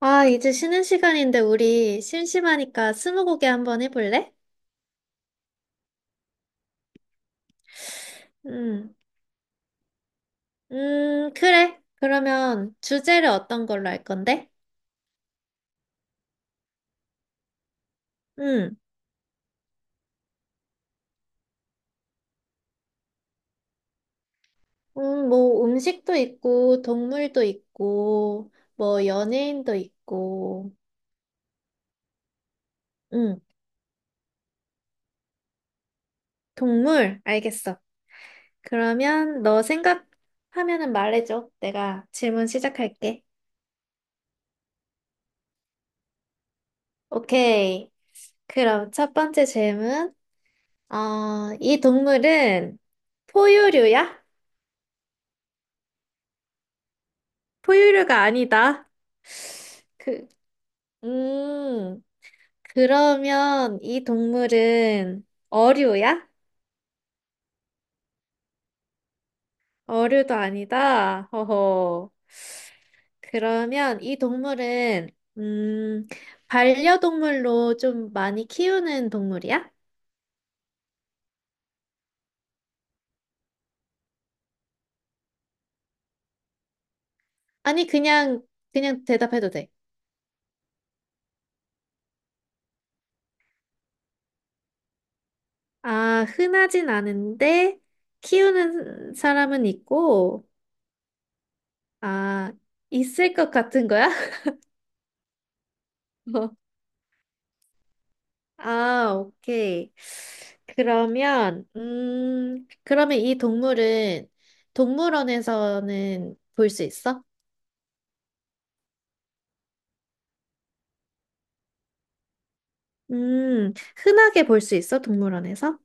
아, 이제 쉬는 시간인데 우리 심심하니까 스무고개 한번 해볼래? 음, 그래. 그러면 주제를 어떤 걸로 할 건데? 음, 뭐 음식도 있고, 동물도 있고, 뭐 연예인도 있고, 음, 동물, 알겠어. 그러면 너 생각하면은 말해줘. 내가 질문 시작할게. 오케이. 그럼 첫 번째 질문. 어, 이 동물은 포유류야? 포유류가 아니다. 그, 음, 그러면 이 동물은 어류야? 어류도 아니다. 허허. 그러면 이 동물은, 음, 반려동물로 좀 많이 키우는 동물이야? 아니, 그냥, 그냥 대답해도 돼. 아, 흔하진 않은데, 키우는 사람은 있고, 아, 있을 것 같은 거야? 아, 오케이. 그러면, 그러면 이 동물은 동물원에서는 볼 수 있어? 음, 흔하게 볼 수 있어, 동물원에서?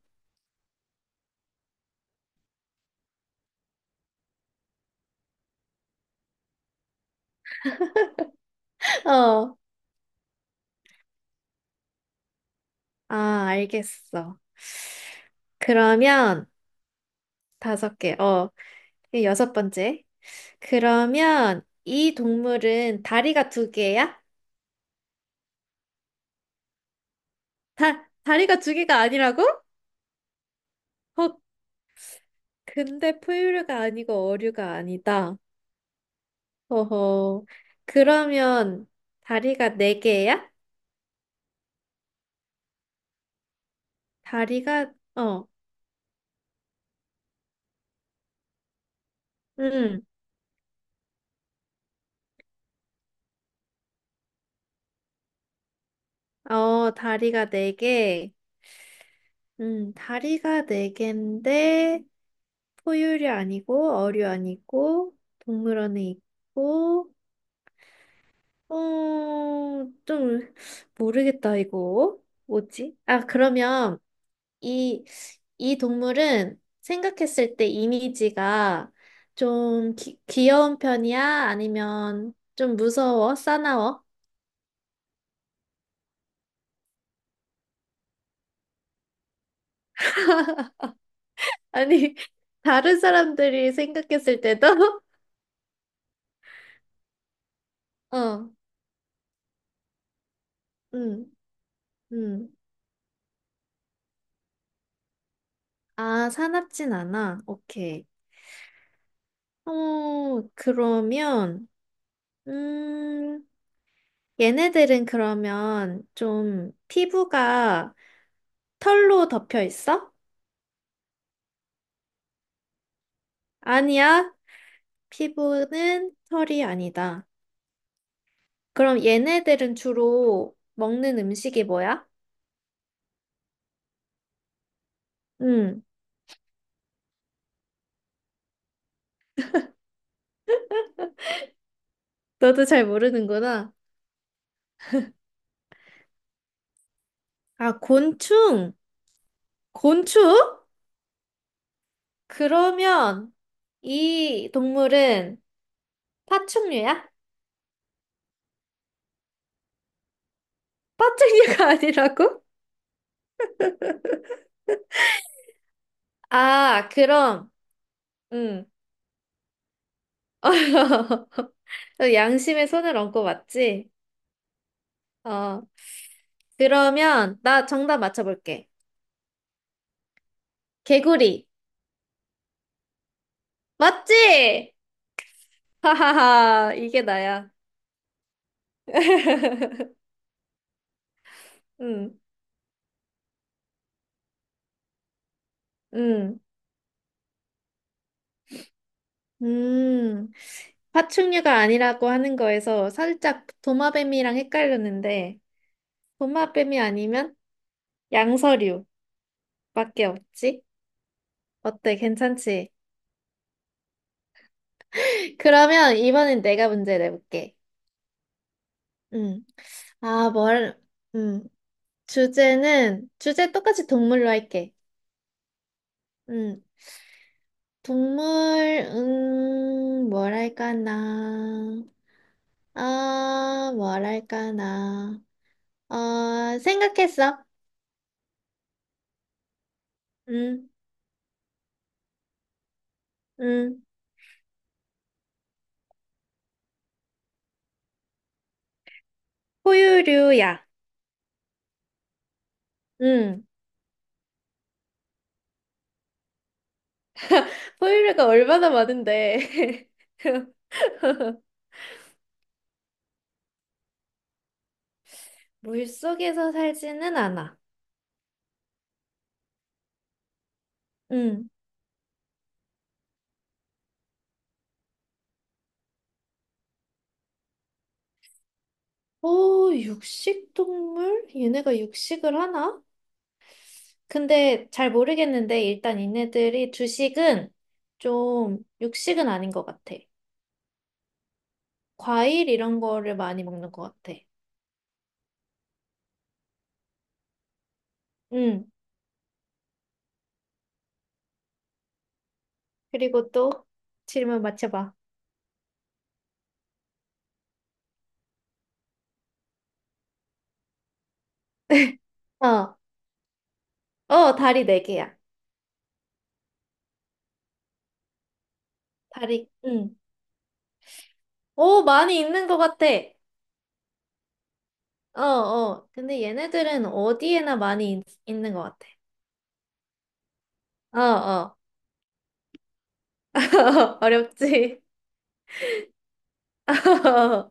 어, 아, 알겠어. 그러면 다섯 개, 어, 이게 여섯 번째. 그러면 이 동물은 다리가 두 개야? 다리가 두 개가 아니라고? 어, 근데 포유류가 아니고 어류가 아니다. 어허. 그러면 다리가 네 개야? 다리가 어, 응 어, 다리가 네 개. 다리가 네 개인데 포유류 아니고 어류 아니고 동물원에 있고 어, 좀 모르겠다 이거. 뭐지? 아, 그러면 이, 이 동물은 생각했을 때 이미지가 좀 귀 귀여운 편이야? 아니면 좀 무서워? 사나워? 아니, 다른 사람들이 생각했을 때도? 어, 음, 음. 아, 사납진 않아. 오케이. 어, 그러면, 음, 얘네들은 그러면 좀 피부가 털로 덮여 있어? 아니야. 피부는 털이 아니다. 그럼 얘네들은 주로 먹는 음식이 뭐야? 응, 너도 잘 모르는구나. 아, 곤충! 곤충? 그러면 이 동물은 파충류야? 파충류가 아니라고? 아, 그럼, 응. 양심에 손을 얹고 맞지? 어, 그러면 나 정답 맞춰볼게. 개구리. 맞지? 하하하, 이게 나야. 응, 응. 음, 파충류가 아니라고 하는 거에서 살짝 도마뱀이랑 헷갈렸는데, 도마뱀이 아니면 양서류밖에 없지? 어때? 괜찮지? 그러면 이번엔 내가 문제 내볼게. 음. 아, 뭘, 음. 주제는, 주제 똑같이 동물로 할게. 음. 동물, 뭘 할까나. 아, 뭘 할까나. 어, 생각했어. 음, 음. 포유류야. 응. 포유류가 얼마나 많은데. 물속에서 살지는 않아. 응. 오, 육식동물? 얘네가 육식을 하나? 근데 잘 모르겠는데, 일단 얘네들이 주식은 좀 육식은 아닌 것 같아. 과일 이런 거를 많이 먹는 것 같아. 응. 그리고 또 질문 맞춰봐. 어, 어, 다리 네 개야. 다리, 응. 오, 많이 있는 것 같아. 어, 어. 근데 얘네들은 어디에나 많이 있는 것 같아. 어, 어. 어렵지?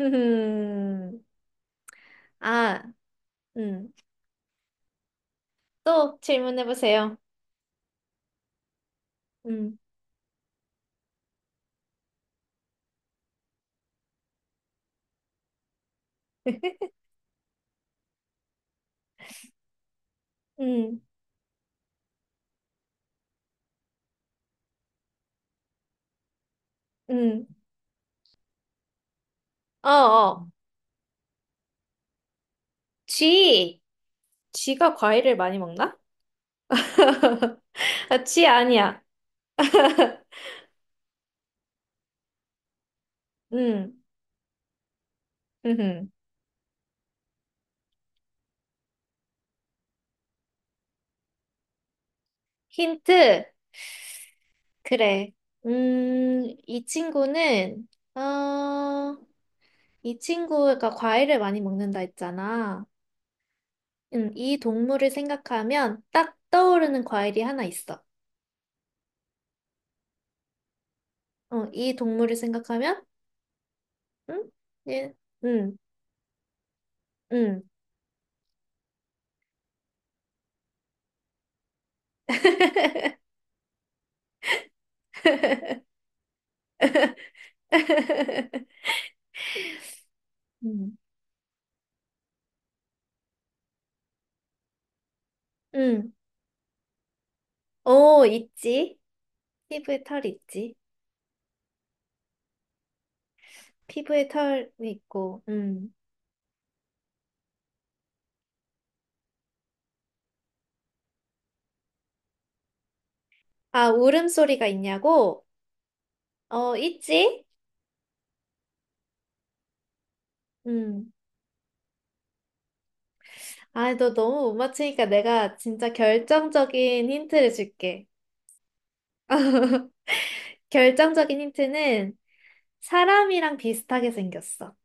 음. 아, 음. 또 질문해보세요. 음. 음. 음. 어, 어. 쥐. 쥐가 과일을 많이 먹나? 아, 쥐 아니야. 음. 음. 힌트. 그래. 이 친구는, 어, 이 친구가 과일을 많이 먹는다 했잖아. 이 동물을 생각하면 딱 떠오르는 과일이 하나 있어. 어, 이 동물을 생각하면, 응? 예, 응, 응, 응, 응. 오, 있지. 피부에 털 있지. 피부에 털이 있고, 아, 울음소리가 있냐고? 어, 있지? 음. 아, 너 너무 못 맞추니까 내가 진짜 결정적인 힌트를 줄게. 결정적인 힌트는 사람이랑 비슷하게 생겼어.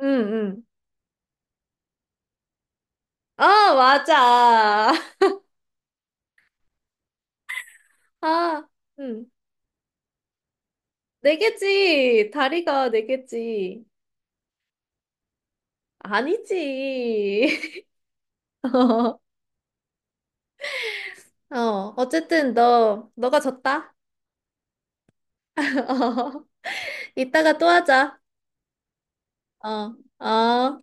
응, 응. 아, 맞아. 아, 응. 네 개지. 다리가 네 개지. 아니지. 어, 어쨌든 너가 졌다. 이따가 또 하자. 어, 어.